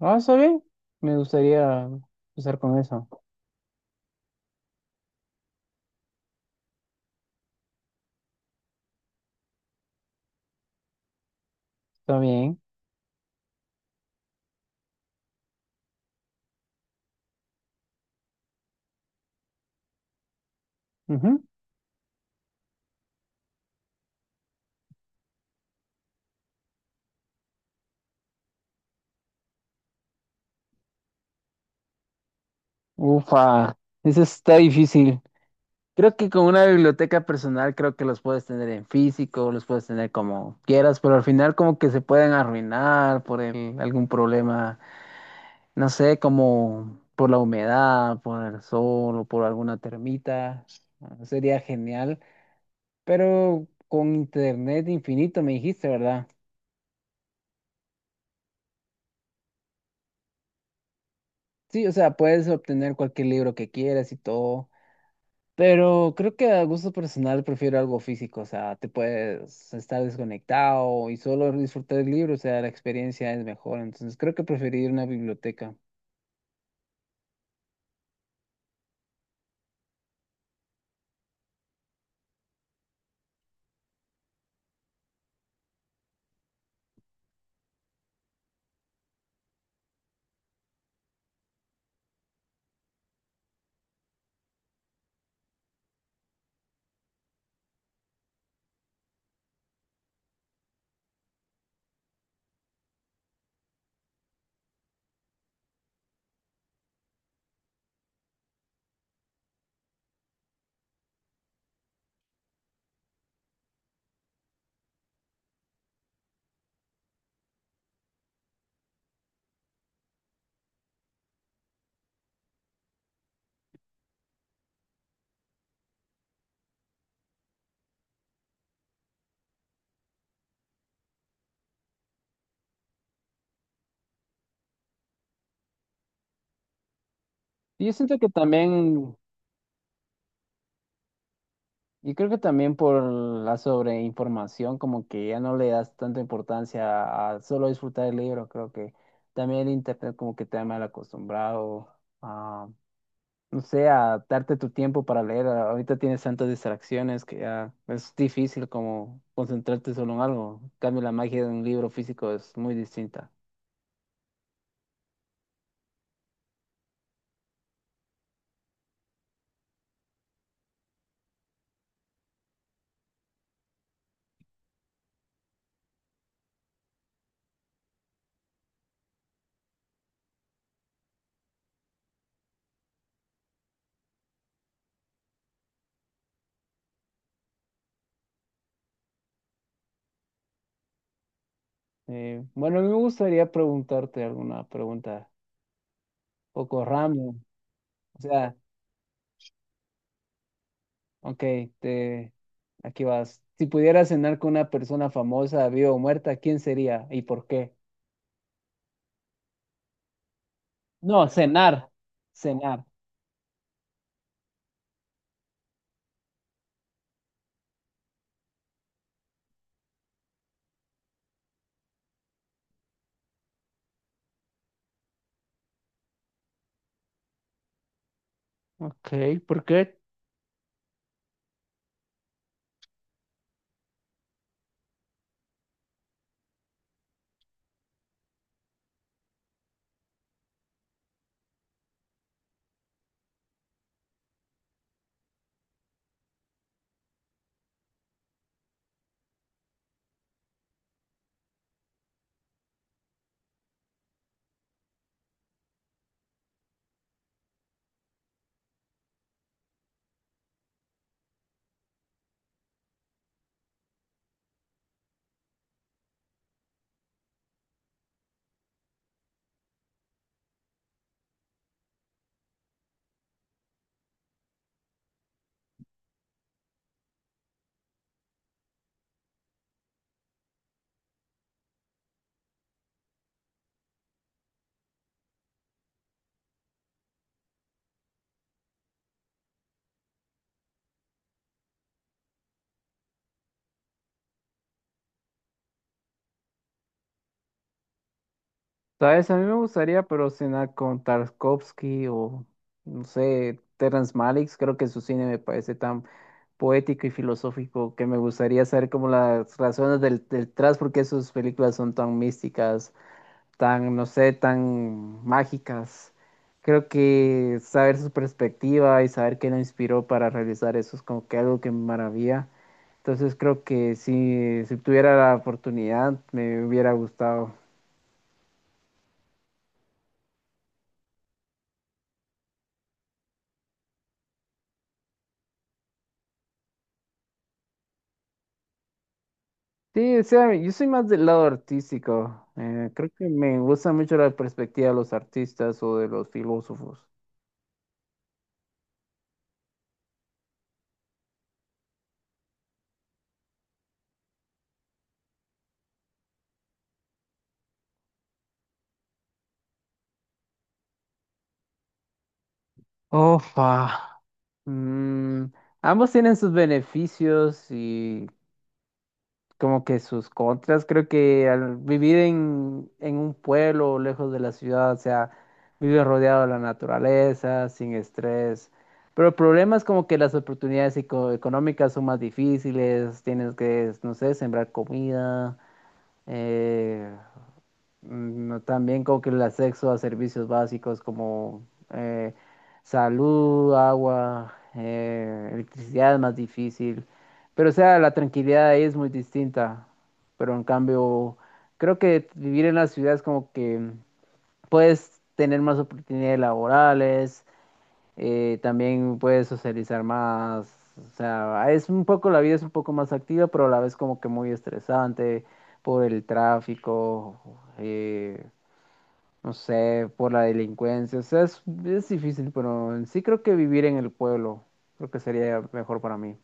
Ah, está bien. Me gustaría empezar con eso. Está bien. Ujú. Ufa, eso está difícil. Creo que con una biblioteca personal creo que los puedes tener en físico, los puedes tener como quieras, pero al final como que se pueden arruinar por algún problema, no sé, como por la humedad, por el sol o por alguna termita. Ah, sería genial, pero con internet infinito me dijiste, ¿verdad? Sí, o sea, puedes obtener cualquier libro que quieras y todo. Pero creo que a gusto personal prefiero algo físico, o sea, te puedes estar desconectado y solo disfrutar del libro, o sea, la experiencia es mejor, entonces creo que preferiría una biblioteca. Y yo siento que también, y creo que también por la sobreinformación, como que ya no le das tanta importancia a solo disfrutar el libro, creo que también el internet como que te ha mal acostumbrado, no sé, a darte tu tiempo para leer. Ahorita tienes tantas distracciones que ya es difícil como concentrarte solo en algo. En cambio, la magia de un libro físico es muy distinta. Bueno, a mí me gustaría preguntarte alguna pregunta poco random. O sea, ok, te, aquí vas. Si pudieras cenar con una persona famosa, viva o muerta, ¿quién sería y por qué? No, cenar, cenar. Ok, ¿por qué? ¿Sabes? A mí me gustaría, pero cenar con Tarkovsky o, no sé, Terrence Malick. Creo que su cine me parece tan poético y filosófico que me gustaría saber como las razones del, detrás, porque sus películas son tan místicas, tan, no sé, tan mágicas. Creo que saber su perspectiva y saber qué lo inspiró para realizar eso es como que algo que me maravilla. Entonces creo que si, si tuviera la oportunidad, me hubiera gustado. Sí, o sea, yo soy más del lado artístico. Creo que me gusta mucho la perspectiva de los artistas o de los filósofos. Ofa. Mm, ambos tienen sus beneficios y como que sus contras. Creo que al vivir en un pueblo lejos de la ciudad, o sea, vives rodeado de la naturaleza, sin estrés. Pero el problema es como que las oportunidades económicas son más difíciles, tienes que, no sé, sembrar comida. Eh, no, también como que el acceso a servicios básicos como salud, agua, electricidad es más difícil. Pero o sea, la tranquilidad ahí es muy distinta. Pero en cambio, creo que vivir en la ciudad es como que puedes tener más oportunidades laborales, también puedes socializar más. O sea, es un poco, la vida es un poco más activa, pero a la vez como que muy estresante por el tráfico, no sé, por la delincuencia. O sea, es difícil, pero en sí creo que vivir en el pueblo, creo que sería mejor para mí.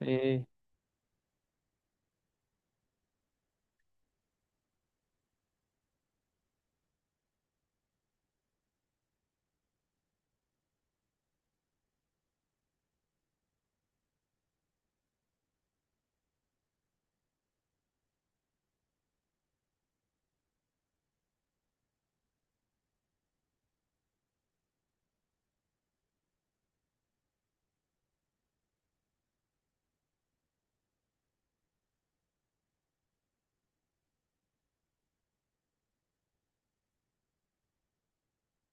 Eh,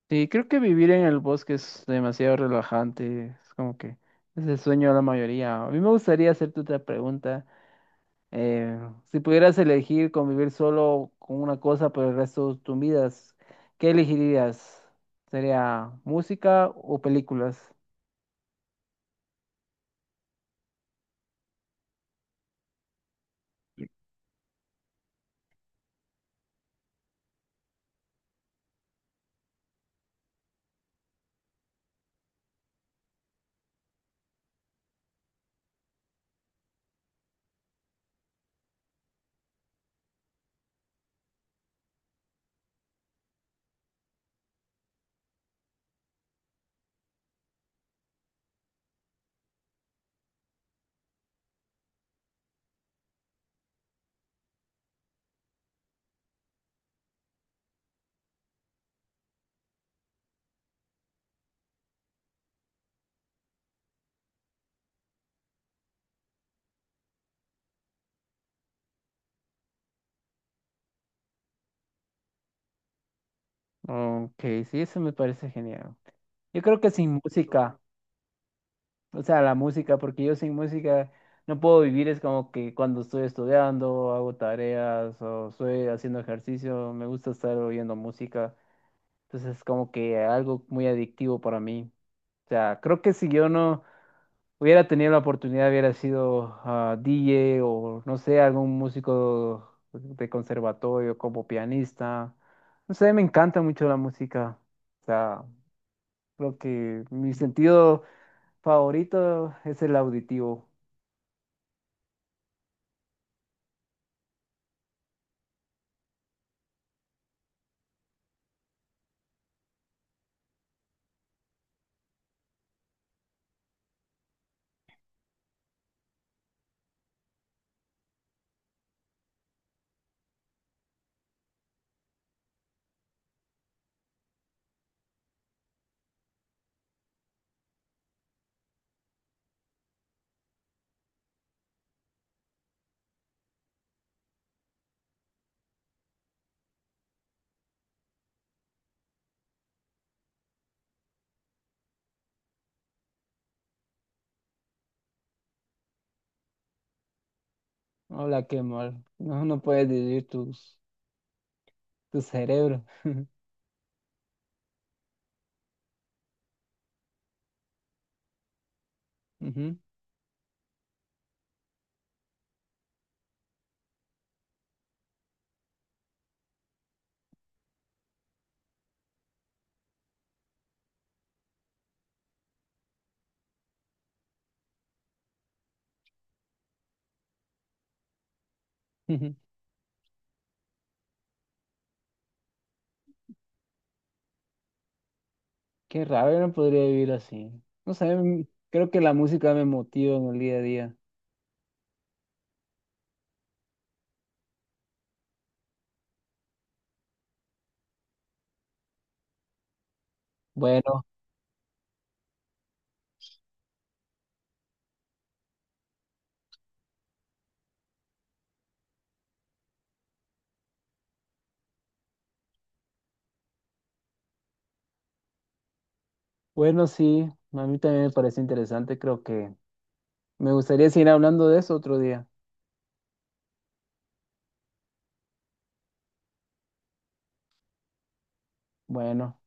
sí, creo que vivir en el bosque es demasiado relajante, es como que es el sueño de la mayoría. A mí me gustaría hacerte otra pregunta. Eh, si pudieras elegir convivir solo con una cosa por el resto de tus vidas, ¿qué elegirías? ¿Sería música o películas? Ok, sí, eso me parece genial. Yo creo que sin música, o sea, la música, porque yo sin música no puedo vivir, es como que cuando estoy estudiando, hago tareas o estoy haciendo ejercicio, me gusta estar oyendo música, entonces es como que algo muy adictivo para mí. O sea, creo que si yo no... hubiera tenido la oportunidad, hubiera sido ah, DJ o no sé, algún músico de conservatorio como pianista. No sé, me encanta mucho la música. O sea, creo que mi sentido favorito es el auditivo. Hola, qué mal. No, no puedes vivir tus, tu cerebro. Ujú, ujú. Qué raro, yo no podría vivir así. No sé, creo que la música me motiva en el día a día. Bueno, bueno, sí, a mí también me parece interesante, creo que me gustaría seguir hablando de eso otro día. Bueno.